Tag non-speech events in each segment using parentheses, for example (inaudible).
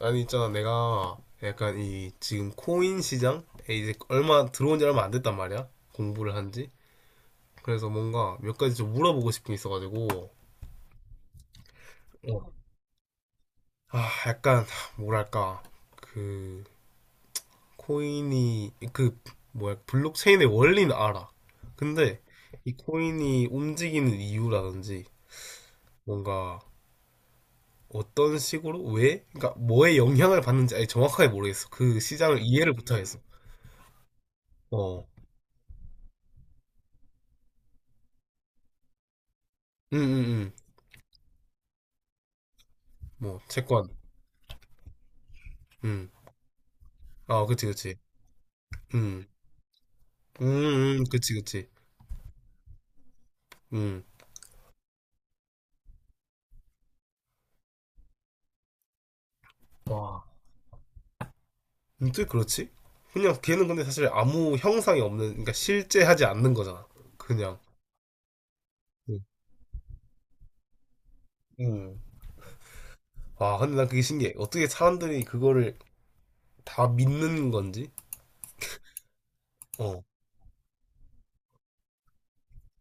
아니, 있잖아, 내가 약간 이 지금 코인 시장에 이제 얼마 들어온 지 얼마 안 됐단 말이야, 공부를 한지 그래서 뭔가 몇 가지 좀 물어보고 싶은 게 있어가지고. 어. 아, 약간 뭐랄까, 그 코인이, 그 뭐야, 블록체인의 원리는 알아, 근데 이 코인이 움직이는 이유라든지 뭔가 어떤 식으로, 왜, 그러니까 뭐에 영향을 받는지 아예 정확하게 모르겠어. 그 시장을 이해를 못하겠어. 어. 응응응 뭐 채권. 음. 아, 그치, 그치. 음. 그치, 그치. 음. 와. 근또 그렇지? 그냥 걔는 근데 사실 아무 형상이 없는, 그러니까 실제 하지 않는 거잖아. 그냥. 음. 음. 와, 근데 난 그게 신기해. 어떻게 사람들이 그거를 다 믿는 건지? 어,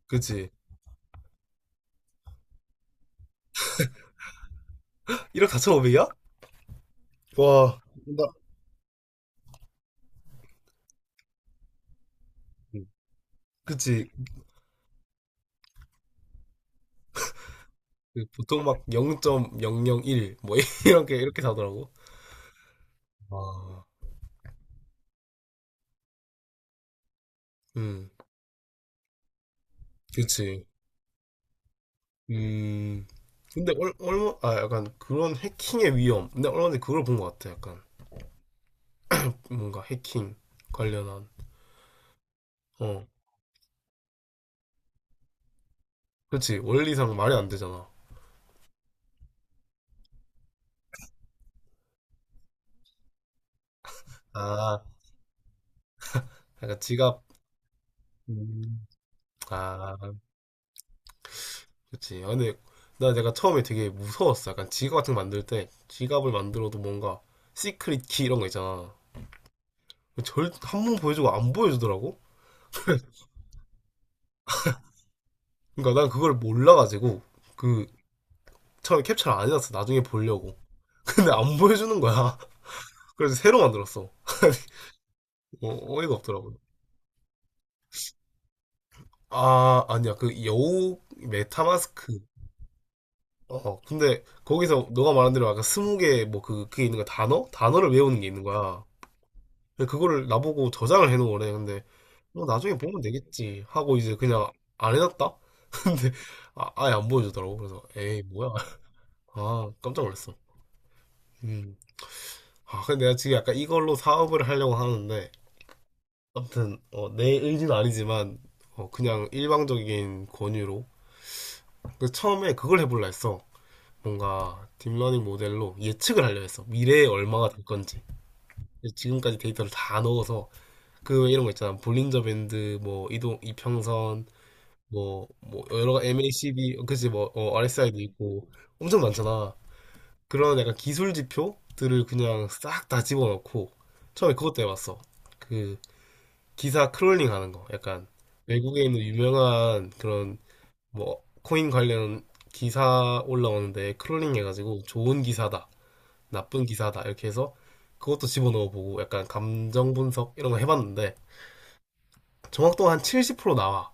그치. 1억 4, 5오백이야. 와. 나, 음. 그치. 그 보통 막 0.001, 뭐, (laughs) 이렇게 사더라고. 와. 음, 그치. 음, 근데 아, 약간 그런 해킹의 위험. 근데 얼마 전에 그걸 본 것 같아. 약간 뭔가 해킹 관련한. 어, 그렇지. 원리상 말이 안 되잖아. 아, 약간 지갑. 음, 아, 그렇지. 아, 근데 나 내가 처음에 되게 무서웠어. 약간 지갑 같은 거 만들 때 지갑을 만들어도 뭔가 시크릿 키 이런 거 있잖아. 한 번 보여주고 안 보여주더라고? 그러니까 난 그걸 몰라가지고, 그 처음에 캡처를 안 해놨어. 나중에 보려고. (laughs) 근데 안 보여주는 거야. (laughs) 그래서 새로 만들었어. 어, 이가 없더라고요. 아, 아니야. 그 여우, 메타마스크. 어, 근데 거기서 너가 말한 대로 아까 20개 뭐 그게 있는 거야. 단어? 단어를 외우는 게 있는 거야. 근데 그거를 나보고 저장을 해놓은 거래. 근데 뭐 나중에 보면 되겠지 하고 이제 그냥 안 해놨다? (laughs) 근데 아, 아예 안 보여주더라고. 그래서 에이, 뭐야. (laughs) 아, 깜짝 놀랐어. 음. 아, 근데 내가 지금 약간 이걸로 사업을 하려고 하는데, 아무튼 어, 내 의지는 아니지만, 어, 그냥 일방적인 권유로. 그래서 처음에 그걸 해보려 했어. 뭔가 딥러닝 모델로 예측을 하려 했어. 미래에 얼마가 될 건지. 그래서 지금까지 데이터를 다 넣어서, 그 이런 거 있잖아. 볼린저 밴드, 뭐 이동 이평선, 뭐 여러 가지 MACD, 그치 뭐, RSI도 있고 엄청 많잖아. 그런 약간 기술 지표들을 그냥 싹 다 집어넣고, 처음에 그것도 해봤어. 그 기사 크롤링 하는 거. 약간 외국에 있는 유명한 그런 뭐 코인 관련 기사 올라오는데 크롤링 해가지고 좋은 기사다, 나쁜 기사다 이렇게 해서 그것도 집어넣어 보고, 약간 감정 분석 이런 거 해봤는데 정확도가 한 70% 나와.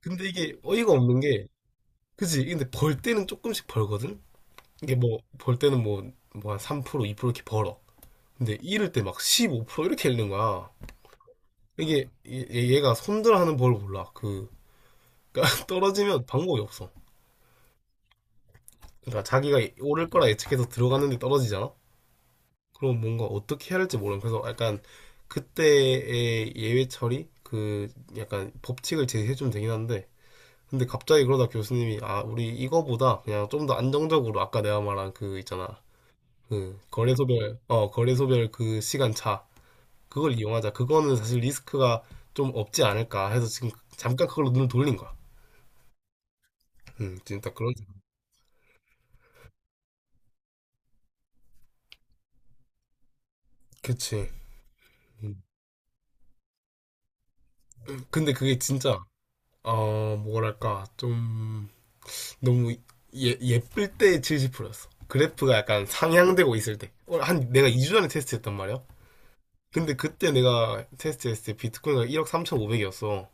근데 이게 어이가 없는 게, 그지? 근데 벌 때는 조금씩 벌거든? 이게 뭐 벌 때는 뭐 한 3% 2% 이렇게 벌어. 근데 잃을 때 막 15% 이렇게 잃는 거야. 이게 얘가 손절하는 법을 몰라. 그러니까 (laughs) 떨어지면 방법이 없어. 그러니까 자기가 오를 거라 예측해서 들어갔는데 떨어지잖아. 그럼 뭔가 어떻게 해야 할지 모르는, 그래서 약간 그때의 예외 처리, 그 약간 법칙을 제시해 주면 되긴 한데. 근데 갑자기 그러다 교수님이 아 우리 이거보다 그냥 좀 더 안정적으로, 아까 내가 말한 그 있잖아, 그 거래소별 그 시간 차, 그걸 이용하자. 그거는 사실 리스크가 좀 없지 않을까 해서 지금 잠깐 그걸로 눈을 돌린 거야. 음, 진짜 그런. 그치. 음. 근데 그게 진짜 어 뭐랄까, 좀 너무 예, 예쁠 때 70%였어. 그래프가 약간 상향되고 있을 때. 어, 한 내가 2주 전에 테스트했단 말이야. 근데 그때 내가 테스트했을 때 비트코인가 1억 3,500이었어.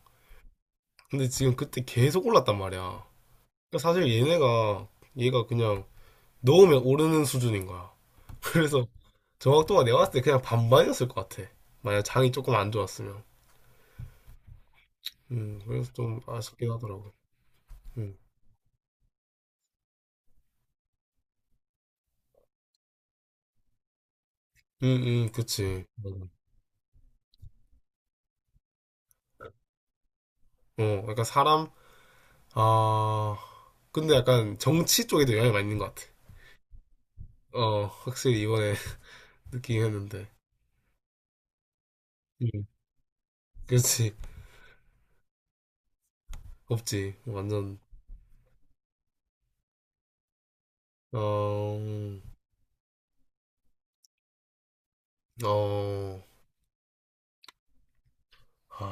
근데 지금, 그때 계속 올랐단 말이야. 그러니까 사실 얘네가, 얘가 그냥 넣으면 오르는 수준인 거야. (laughs) 그래서 정확도가 내가 봤을 때 그냥 반반이었을 것 같아. 만약 장이 조금 안 좋았으면. 그래서 좀 아쉽긴 하더라고. 음, 음, 그치. 맞아. 어, 그러니까 아, 근데 약간 정치 쪽에도 영향이 많이 있는 것 같아. 어, 확실히 이번에 (laughs) 느끼긴 했는데. 음, 그렇지. 없지. 완전. 어, 어, 아,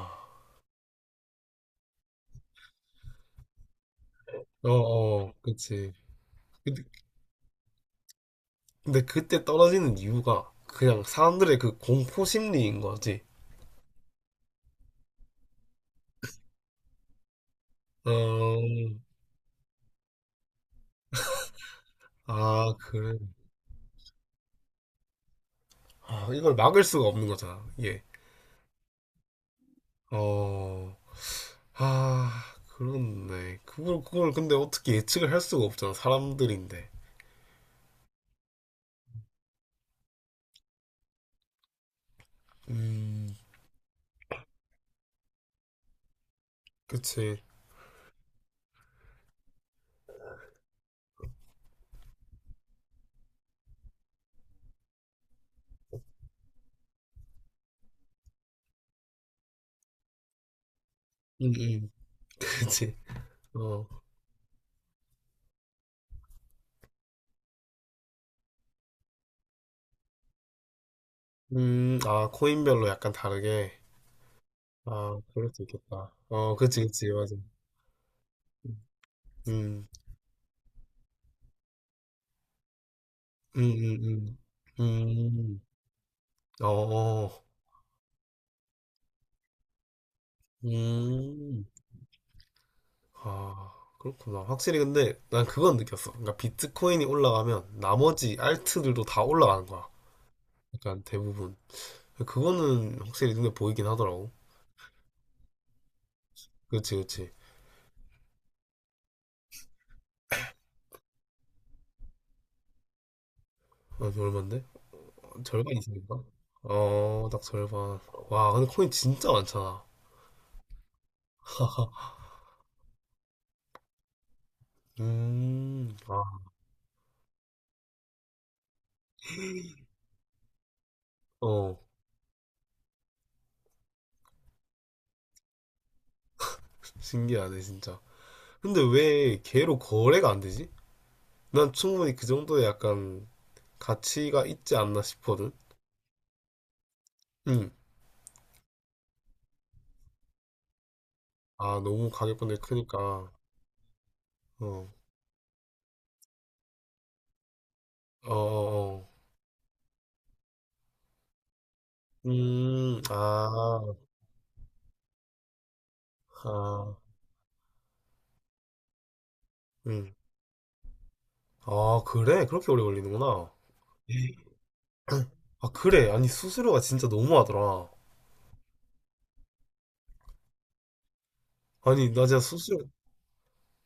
어, 어, 그렇지. 근데, 근데 그때 떨어지는 이유가 그냥 사람들의 그 공포 심리인 거지. 어, 아, 그래. 아, 이걸 막을 수가 없는 거잖아. 이게. 어, 아, 그렇네. 그걸 근데 어떻게 예측을 할 수가 없잖아. 사람들인데. 음, 그치. 음, 음. (laughs) 그치. 어. 아, 코인별로 약간 다르게. 아, 그럴 수 있겠다. 어, 그치, 그치, 맞아. 음, 음, 음, 음. 음, 어, 어. 음. 아, 그렇구나. 확실히 근데 난 그건 느꼈어. 그러니까 비트코인이 올라가면 나머지 알트들도 다 올라가는 거야. 약간 대부분. 그거는 확실히 눈에 보이긴 하더라고. 그치, 그치. 아, 얼만데? 절반 이상인가? 어, 딱 절반. 와, 근데 코인 진짜 많잖아. (laughs) 아, 어, 신기하네, 진짜. 근데 왜 걔로 거래가 안 되지? 난 충분히 그 정도의 약간 가치가 있지 않나 싶거든? 응. 아, 너무 가격권이 크니까. 어, 어, 어. 어. 아, 아, 응. 아, 그래? 그렇게 오래 걸리는구나. 에이. 아, 그래. 아니, 수수료가 진짜 너무하더라. 아니, 나 진짜 수수료,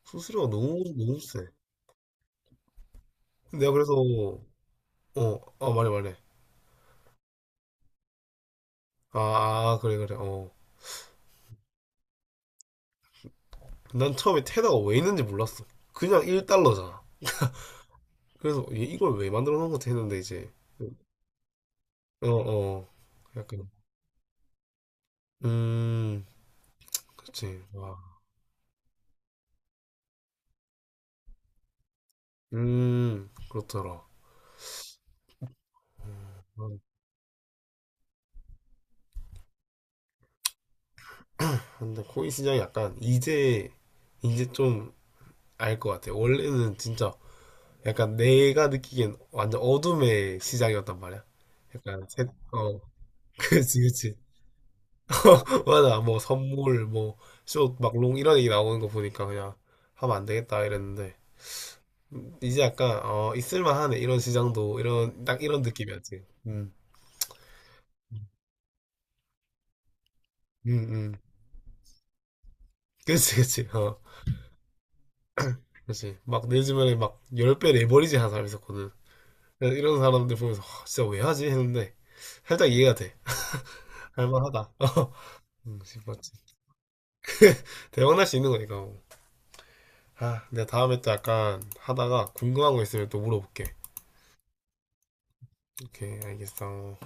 수수료가 너무, 너무 세. 내가 그래서, 어, 아, 말해, 말해. 아, 아, 그래, 그래, 어. 난 처음에 테다가 왜 있는지 몰랐어. 그냥 1달러잖아. 그래서 얘 이걸 왜 만들어 놓은 거지 했는데 이제, 어, 어. 약간. 음, 그치. 와. 그렇더라. 음, 근데 코인 시장이 약간 이제 좀 알 것 같아. 원래는 진짜 약간 내가 느끼기엔 완전 어둠의 시장이었단 말이야. 약간 어, (laughs) 그치, 그치. (laughs) 맞아. 뭐 선물, 뭐 쇼, 막롱 이런 얘기 나오는 거 보니까 그냥 하면 안 되겠다 이랬는데. 이제 약간 어 있을만하네, 이런 시장도 이런, 딱 이런 느낌이었지. 음, 음. 그렇지, 그렇지. 어, 그렇지. 막 내 주변에 막 10배 내버리지 하는 사람 있었거든. 그래서 이런 사람들 보면서 "와, 진짜 왜 하지?" 했는데 살짝 이해가 돼. 할만하다. (laughs) 응 싶었지. 대박날 수 있는 거니까. 뭐. 아, 내가 다음에 또 약간 하다가 궁금한 거 있으면 또 물어볼게. 오케이, 알겠어.